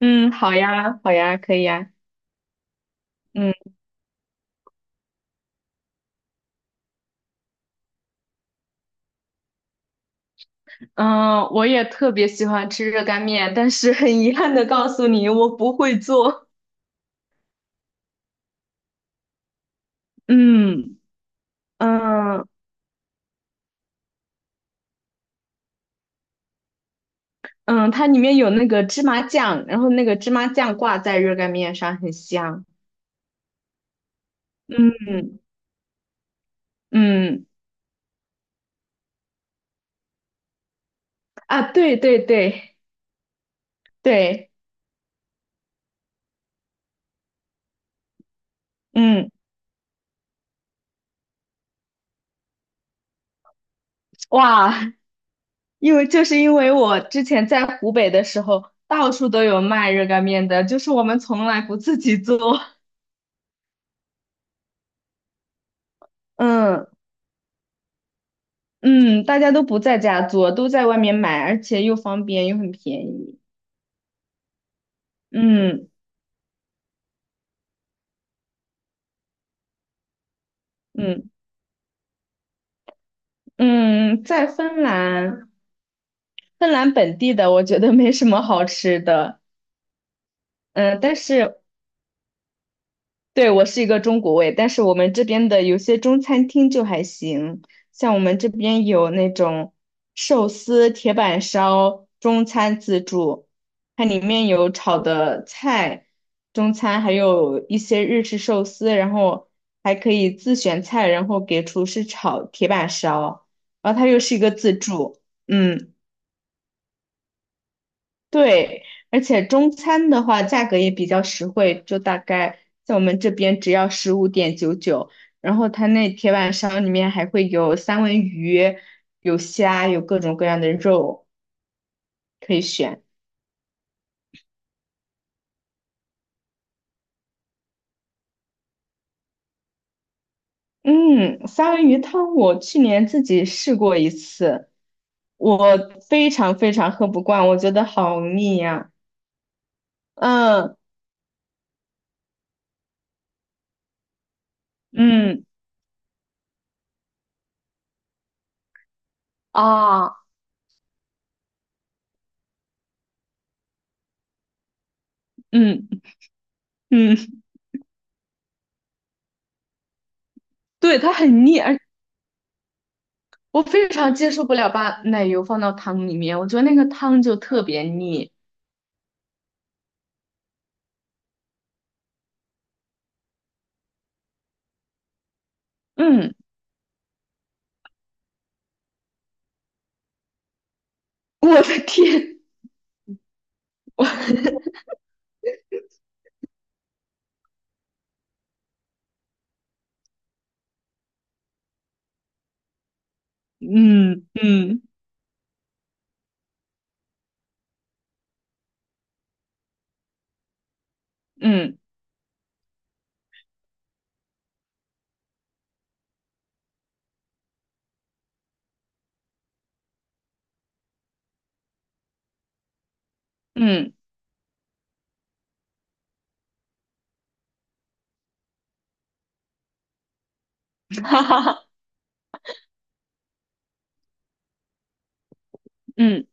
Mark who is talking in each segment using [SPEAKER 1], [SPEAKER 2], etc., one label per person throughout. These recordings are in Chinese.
[SPEAKER 1] 嗯，好呀，好呀，可以呀。嗯嗯，我也特别喜欢吃热干面，但是很遗憾的告诉你，我不会做。嗯嗯嗯，它里面有那个芝麻酱，然后那个芝麻酱挂在热干面上，很香。嗯嗯啊，对对对对，嗯哇，因为我之前在湖北的时候，到处都有卖热干面的，就是我们从来不自己做。嗯嗯，大家都不在家做，都在外面买，而且又方便又很便宜。嗯嗯嗯，在芬兰，芬兰本地的我觉得没什么好吃的。嗯，但是对，我是一个中国胃，但是我们这边的有些中餐厅就还行，像我们这边有那种寿司、铁板烧、中餐自助，它里面有炒的菜，中餐还有一些日式寿司，然后还可以自选菜，然后给厨师炒铁板烧，然后它又是一个自助。嗯，对，而且中餐的话价格也比较实惠，就大概在我们这边只要15.99，然后它那铁板烧里面还会有三文鱼、有虾、有各种各样的肉可以选。嗯，三文鱼汤我去年自己试过一次，我非常非常喝不惯，我觉得好腻呀。嗯嗯啊嗯嗯，对，它很腻，而我非常接受不了把奶油放到汤里面，我觉得那个汤就特别腻。嗯，我的天，我 嗯嗯嗯嗯。哈哈哈。嗯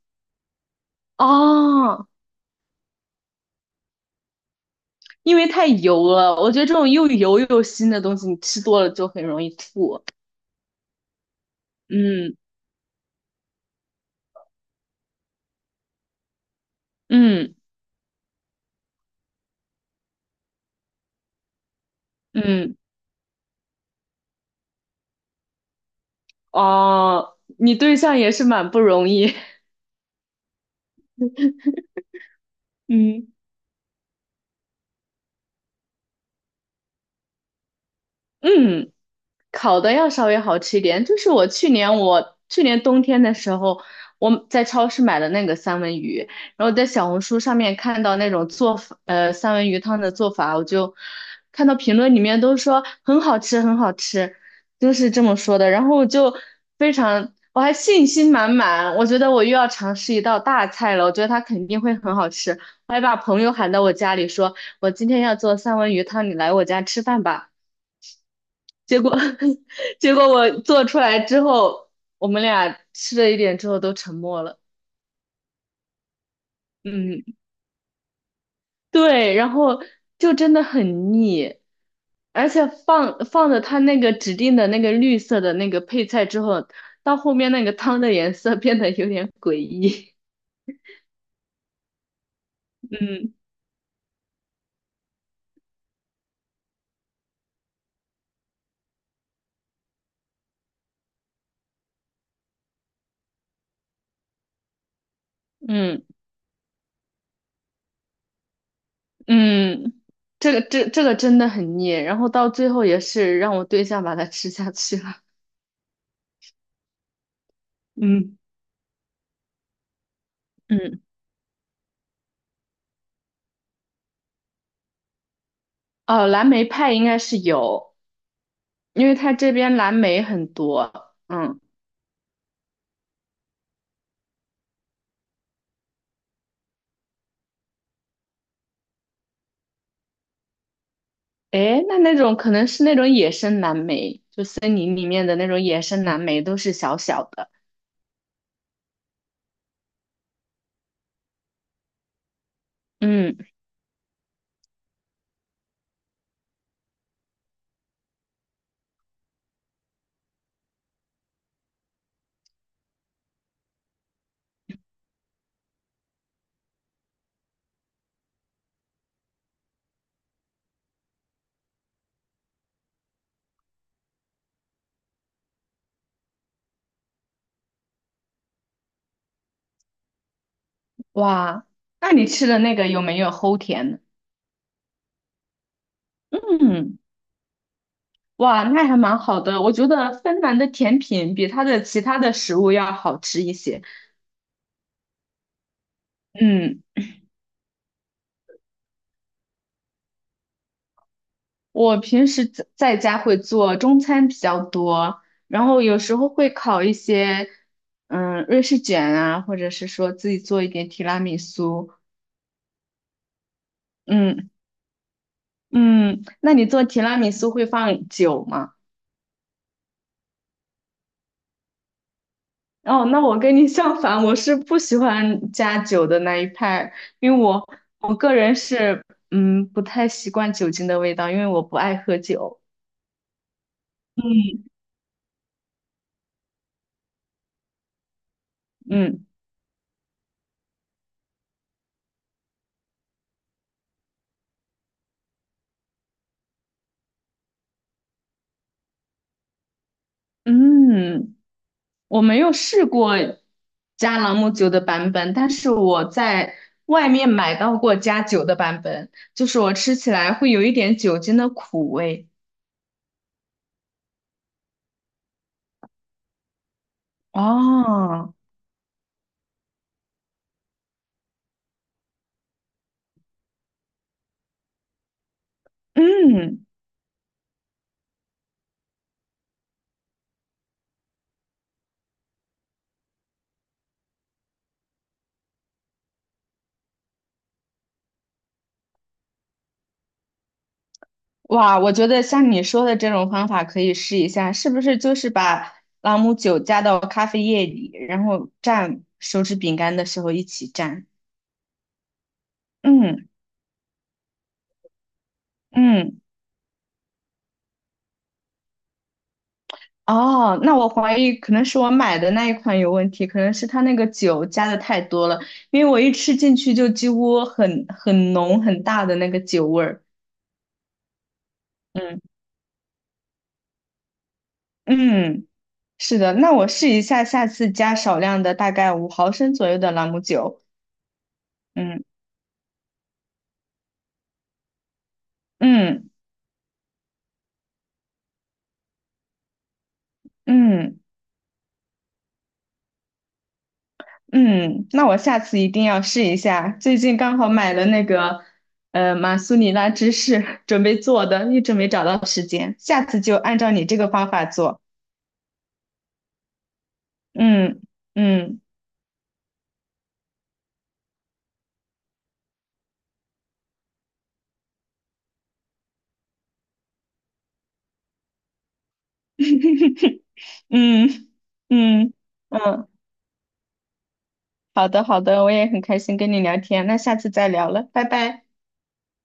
[SPEAKER 1] 哦，因为太油了，我觉得这种又油又腥的东西，你吃多了就很容易吐。嗯嗯嗯，哦，你对象也是蛮不容易。嗯嗯。烤的要稍微好吃一点。就是我去年冬天的时候，我在超市买的那个三文鱼，然后在小红书上面看到那种做法，三文鱼汤的做法，我就看到评论里面都说很好吃，很好吃，就是这么说的。然后我就非常，我还信心满满，我觉得我又要尝试一道大菜了，我觉得它肯定会很好吃。我还把朋友喊到我家里说，我今天要做三文鱼汤，你来我家吃饭吧。结果 结果我做出来之后，我们俩吃了一点之后都沉默了。嗯，对，然后就真的很腻，而且放的它那个指定的那个绿色的那个配菜之后，到后面那个汤的颜色变得有点诡异。嗯嗯嗯，这个真的很腻，然后到最后也是让我对象把它吃下去了。嗯嗯，哦，蓝莓派应该是有。因为它这边蓝莓很多。嗯，诶，那种可能是那种野生蓝莓，就森林里面的那种野生蓝莓都是小小的。嗯，哇，那你吃的那个有没有齁甜呢？嗯，哇，那还蛮好的，我觉得芬兰的甜品比它的其他的食物要好吃一些。嗯。我平时在家会做中餐比较多，然后有时候会烤一些。嗯，瑞士卷啊，或者是说自己做一点提拉米苏。嗯嗯，那你做提拉米苏会放酒吗？哦，那我跟你相反，我是不喜欢加酒的那一派，因为我个人是不太习惯酒精的味道，因为我不爱喝酒。嗯嗯。嗯。我没有试过加朗姆酒的版本，但是我在外面买到过加酒的版本，就是我吃起来会有一点酒精的苦味。哦，嗯，哇，我觉得像你说的这种方法可以试一下，是不是就是把朗姆酒加到咖啡液里，然后蘸手指饼干的时候一起蘸？嗯嗯。哦，那我怀疑可能是我买的那一款有问题，可能是它那个酒加的太多了，因为我一吃进去就几乎很浓很大的那个酒味儿。嗯嗯，是的，那我试一下，下次加少量的，大概5毫升左右的朗姆酒。嗯嗯嗯嗯，那我下次一定要试一下。最近刚好买了那个马苏里拉芝士，准备做的，一直没找到时间，下次就按照你这个方法做。嗯嗯 嗯嗯嗯，好的好的，我也很开心跟你聊天，那下次再聊了，拜拜。